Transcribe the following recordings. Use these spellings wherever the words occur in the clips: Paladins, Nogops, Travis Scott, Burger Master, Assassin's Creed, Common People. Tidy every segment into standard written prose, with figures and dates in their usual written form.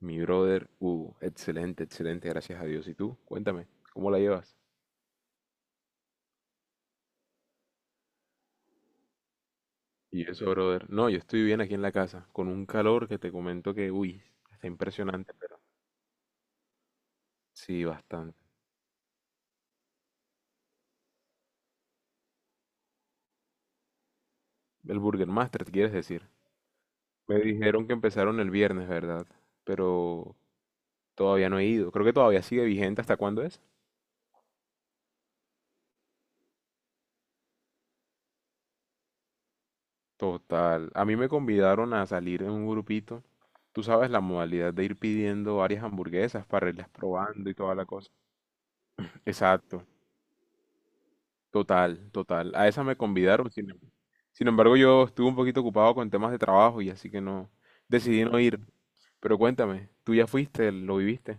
Mi brother, excelente, excelente, gracias a Dios. ¿Y tú? Cuéntame, ¿cómo la llevas? Y eso, brother. No, yo estoy bien aquí en la casa, con un calor que te comento que, uy, está impresionante, pero sí, bastante. ¿El Burger Master, quieres decir? Me dijeron que empezaron el viernes, ¿verdad? Pero todavía no he ido. Creo que todavía sigue vigente. ¿Hasta cuándo es? Total. A mí me convidaron a salir en un grupito. Tú sabes la modalidad de ir pidiendo varias hamburguesas para irlas probando y toda la cosa. Exacto. Total, total. A esa me convidaron, sin, sin embargo yo estuve un poquito ocupado con temas de trabajo y así que no decidí no ir. Pero cuéntame, ¿tú ya fuiste, lo viviste?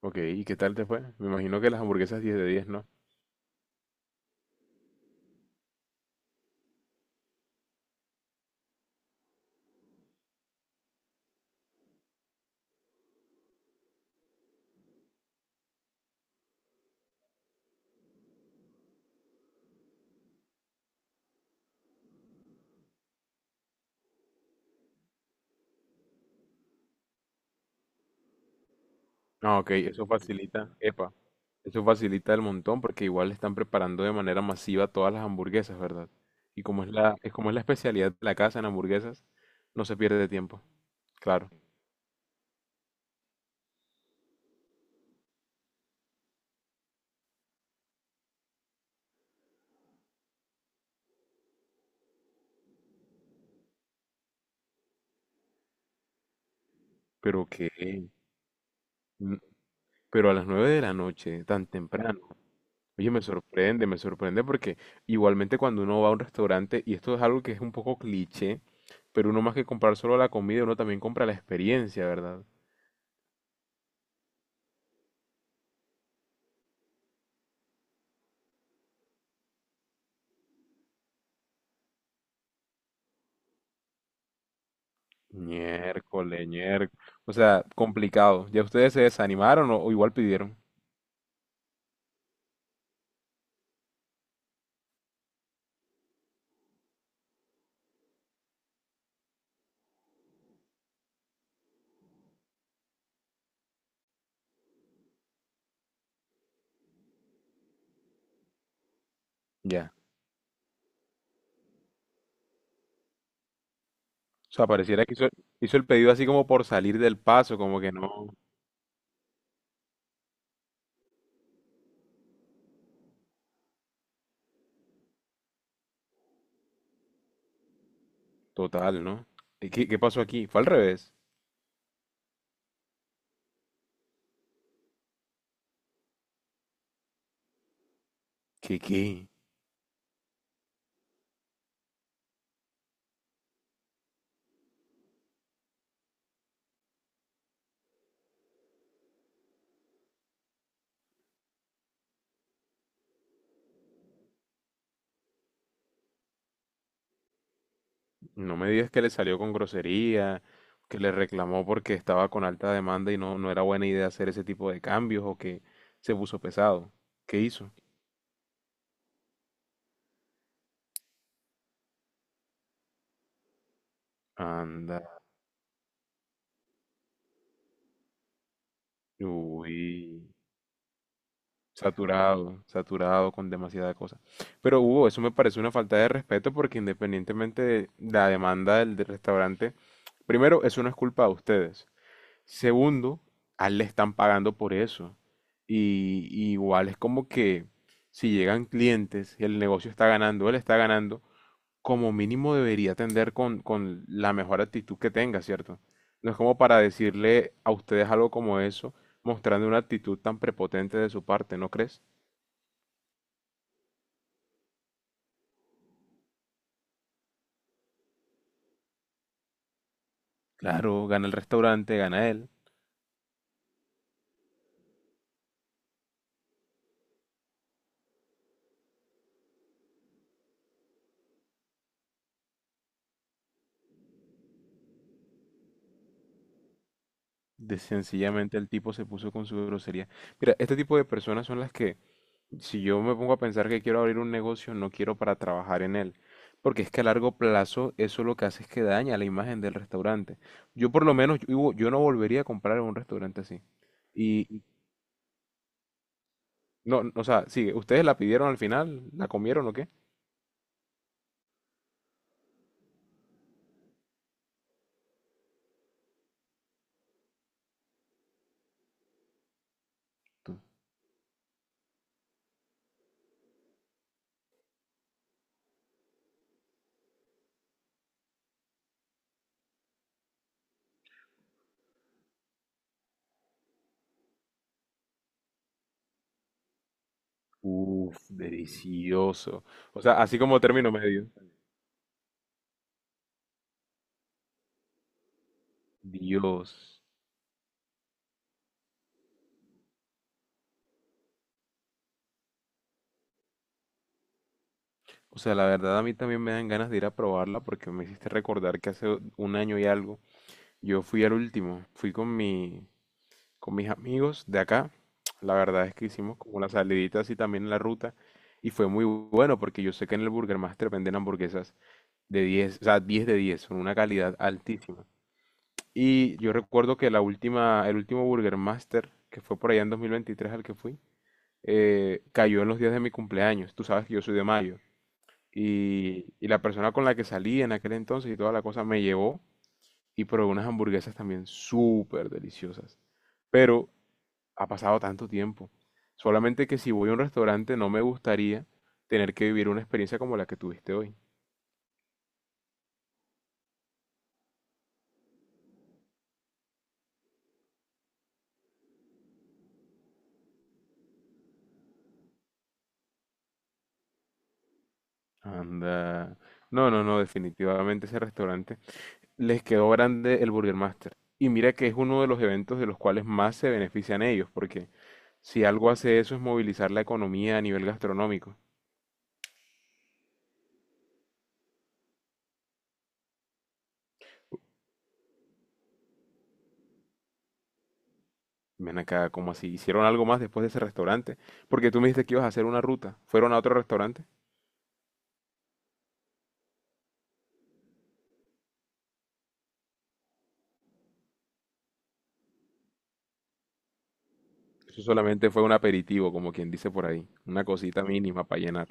Ok, ¿y qué tal te fue? Me imagino que las hamburguesas diez de 10, ¿no? Ah, ok, eso facilita, epa, eso facilita el montón porque igual están preparando de manera masiva todas las hamburguesas, ¿verdad? Y como es como es la especialidad de la casa en hamburguesas, no se pierde de tiempo, claro. Pero que, pero a las 9 de la noche, tan temprano. Oye, me sorprende porque igualmente cuando uno va a un restaurante, y esto es algo que es un poco cliché, pero uno más que comprar solo la comida, uno también compra la experiencia, ¿verdad? Miércoles, miércoles. O sea, complicado. ¿Ya ustedes se desanimaron o igual pidieron? Ya. O sea, hizo el pedido así como por salir del paso, como que no. Total, ¿no? ¿Y qué pasó aquí? Fue al revés. ¿Qué, qué? No me digas que le salió con grosería, que le reclamó porque estaba con alta demanda y no, no era buena idea hacer ese tipo de cambios o que se puso pesado. ¿Qué hizo? Anda, uy, saturado, saturado con demasiada cosa. Pero Hugo, eso me parece una falta de respeto porque independientemente de la demanda del restaurante, primero, eso no es culpa de ustedes. Segundo, a él le están pagando por eso. Y igual es como que si llegan clientes y el negocio está ganando, él está ganando, como mínimo debería atender con la mejor actitud que tenga, ¿cierto? No es como para decirle a ustedes algo como eso, mostrando una actitud tan prepotente de su parte, ¿no crees? Claro, gana el restaurante, gana él. De sencillamente el tipo se puso con su grosería. Mira, este tipo de personas son las que si yo me pongo a pensar que quiero abrir un negocio, no quiero para trabajar en él, porque es que a largo plazo eso lo que hace es que daña la imagen del restaurante. Yo por lo menos, yo no volvería a comprar en un restaurante así. Y no, no, o sea, sigue, ¿ustedes la pidieron al final? ¿La comieron o qué? Tú, uf, delicioso. O sea, así como término medio. Dios. O sea, la verdad a mí también me dan ganas de ir a probarla porque me hiciste recordar que hace un año y algo yo fui al último, fui con mis amigos de acá. La verdad es que hicimos como las saliditas y también en la ruta y fue muy bueno porque yo sé que en el Burger Master venden hamburguesas de 10, o sea, 10 de 10, son una calidad altísima. Y yo recuerdo que el último Burger Master, que fue por allá en 2023 al que fui, cayó en los días de mi cumpleaños. Tú sabes que yo soy de mayo. Y la persona con la que salí en aquel entonces y toda la cosa me llevó y probé unas hamburguesas también súper deliciosas. Pero ha pasado tanto tiempo. Solamente que si voy a un restaurante no me gustaría tener que vivir una experiencia como la que tuviste hoy. Anda. No, no, no, definitivamente ese restaurante les quedó grande el Burger Master. Y mira que es uno de los eventos de los cuales más se benefician ellos, porque si algo hace eso es movilizar la economía a nivel gastronómico. Ven acá, ¿como así? ¿Hicieron algo más después de ese restaurante? Porque tú me dijiste que ibas a hacer una ruta. ¿Fueron a otro restaurante? Eso solamente fue un aperitivo, como quien dice por ahí. Una cosita mínima para llenar.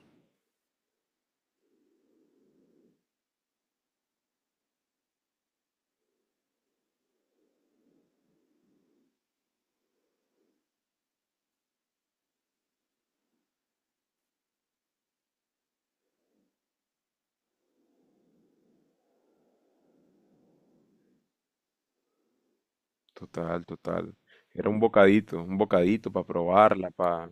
Total, total. Era un bocadito para probarla, pa...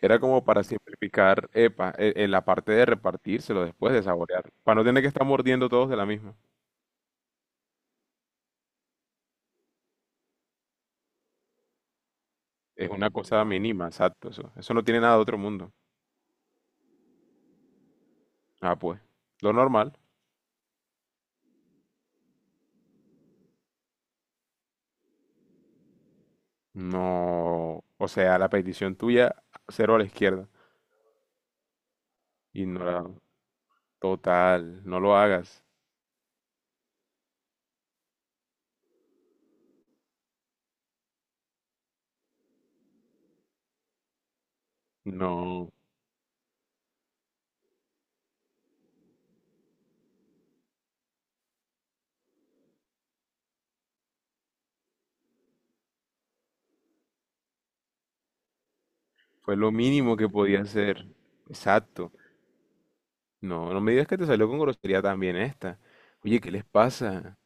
Era como para simplificar, epa, en la parte de repartírselo después de saborear, para no tener que estar mordiendo todos de la misma. Es una cosa mínima, exacto, eso. Eso no tiene nada de otro mundo. Ah, pues, lo normal. No, o sea, la petición tuya, cero a la izquierda. Ignorado. Total, no lo hagas. No, fue lo mínimo que podía hacer. Exacto. No, no me digas que te salió con grosería también esta. Oye, ¿qué les pasa?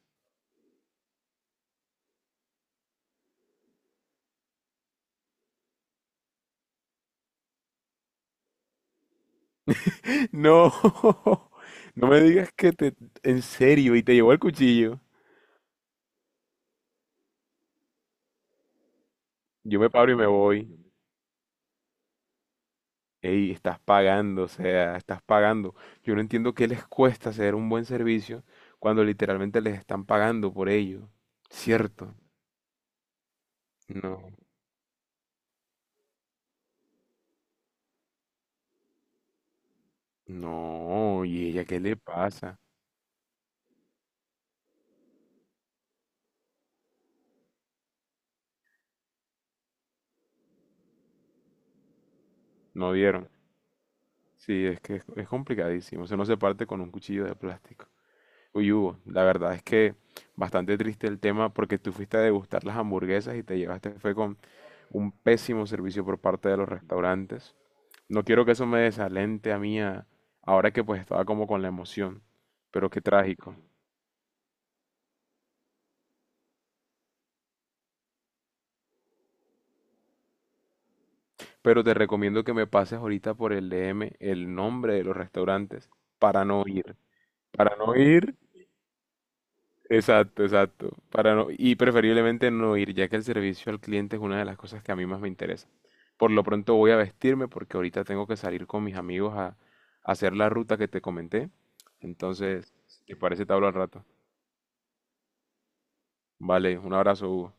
No, no me digas que te... En serio, y te llevó el cuchillo. Yo me paro y me voy. Ey, estás pagando, o sea, estás pagando. Yo no entiendo qué les cuesta hacer un buen servicio cuando literalmente les están pagando por ello. ¿Cierto? No, no, ¿y ella qué le pasa? No vieron. Sí, es complicadísimo. O sea, no se parte con un cuchillo de plástico. Uy, Hugo, la verdad es que bastante triste el tema porque tú fuiste a degustar las hamburguesas y te llevaste, fue con un pésimo servicio por parte de los restaurantes. No quiero que eso me desalente a mí ahora que pues estaba como con la emoción, pero qué trágico. Pero te recomiendo que me pases ahorita por el DM el nombre de los restaurantes para no ir. Para no ir. Exacto, exacto. Para no, y preferiblemente no ir, ya que el servicio al cliente es una de las cosas que a mí más me interesa. Por lo pronto voy a vestirme porque ahorita tengo que salir con mis amigos a hacer la ruta que te comenté. Entonces, si te parece, te hablo al rato. Vale, un abrazo, Hugo.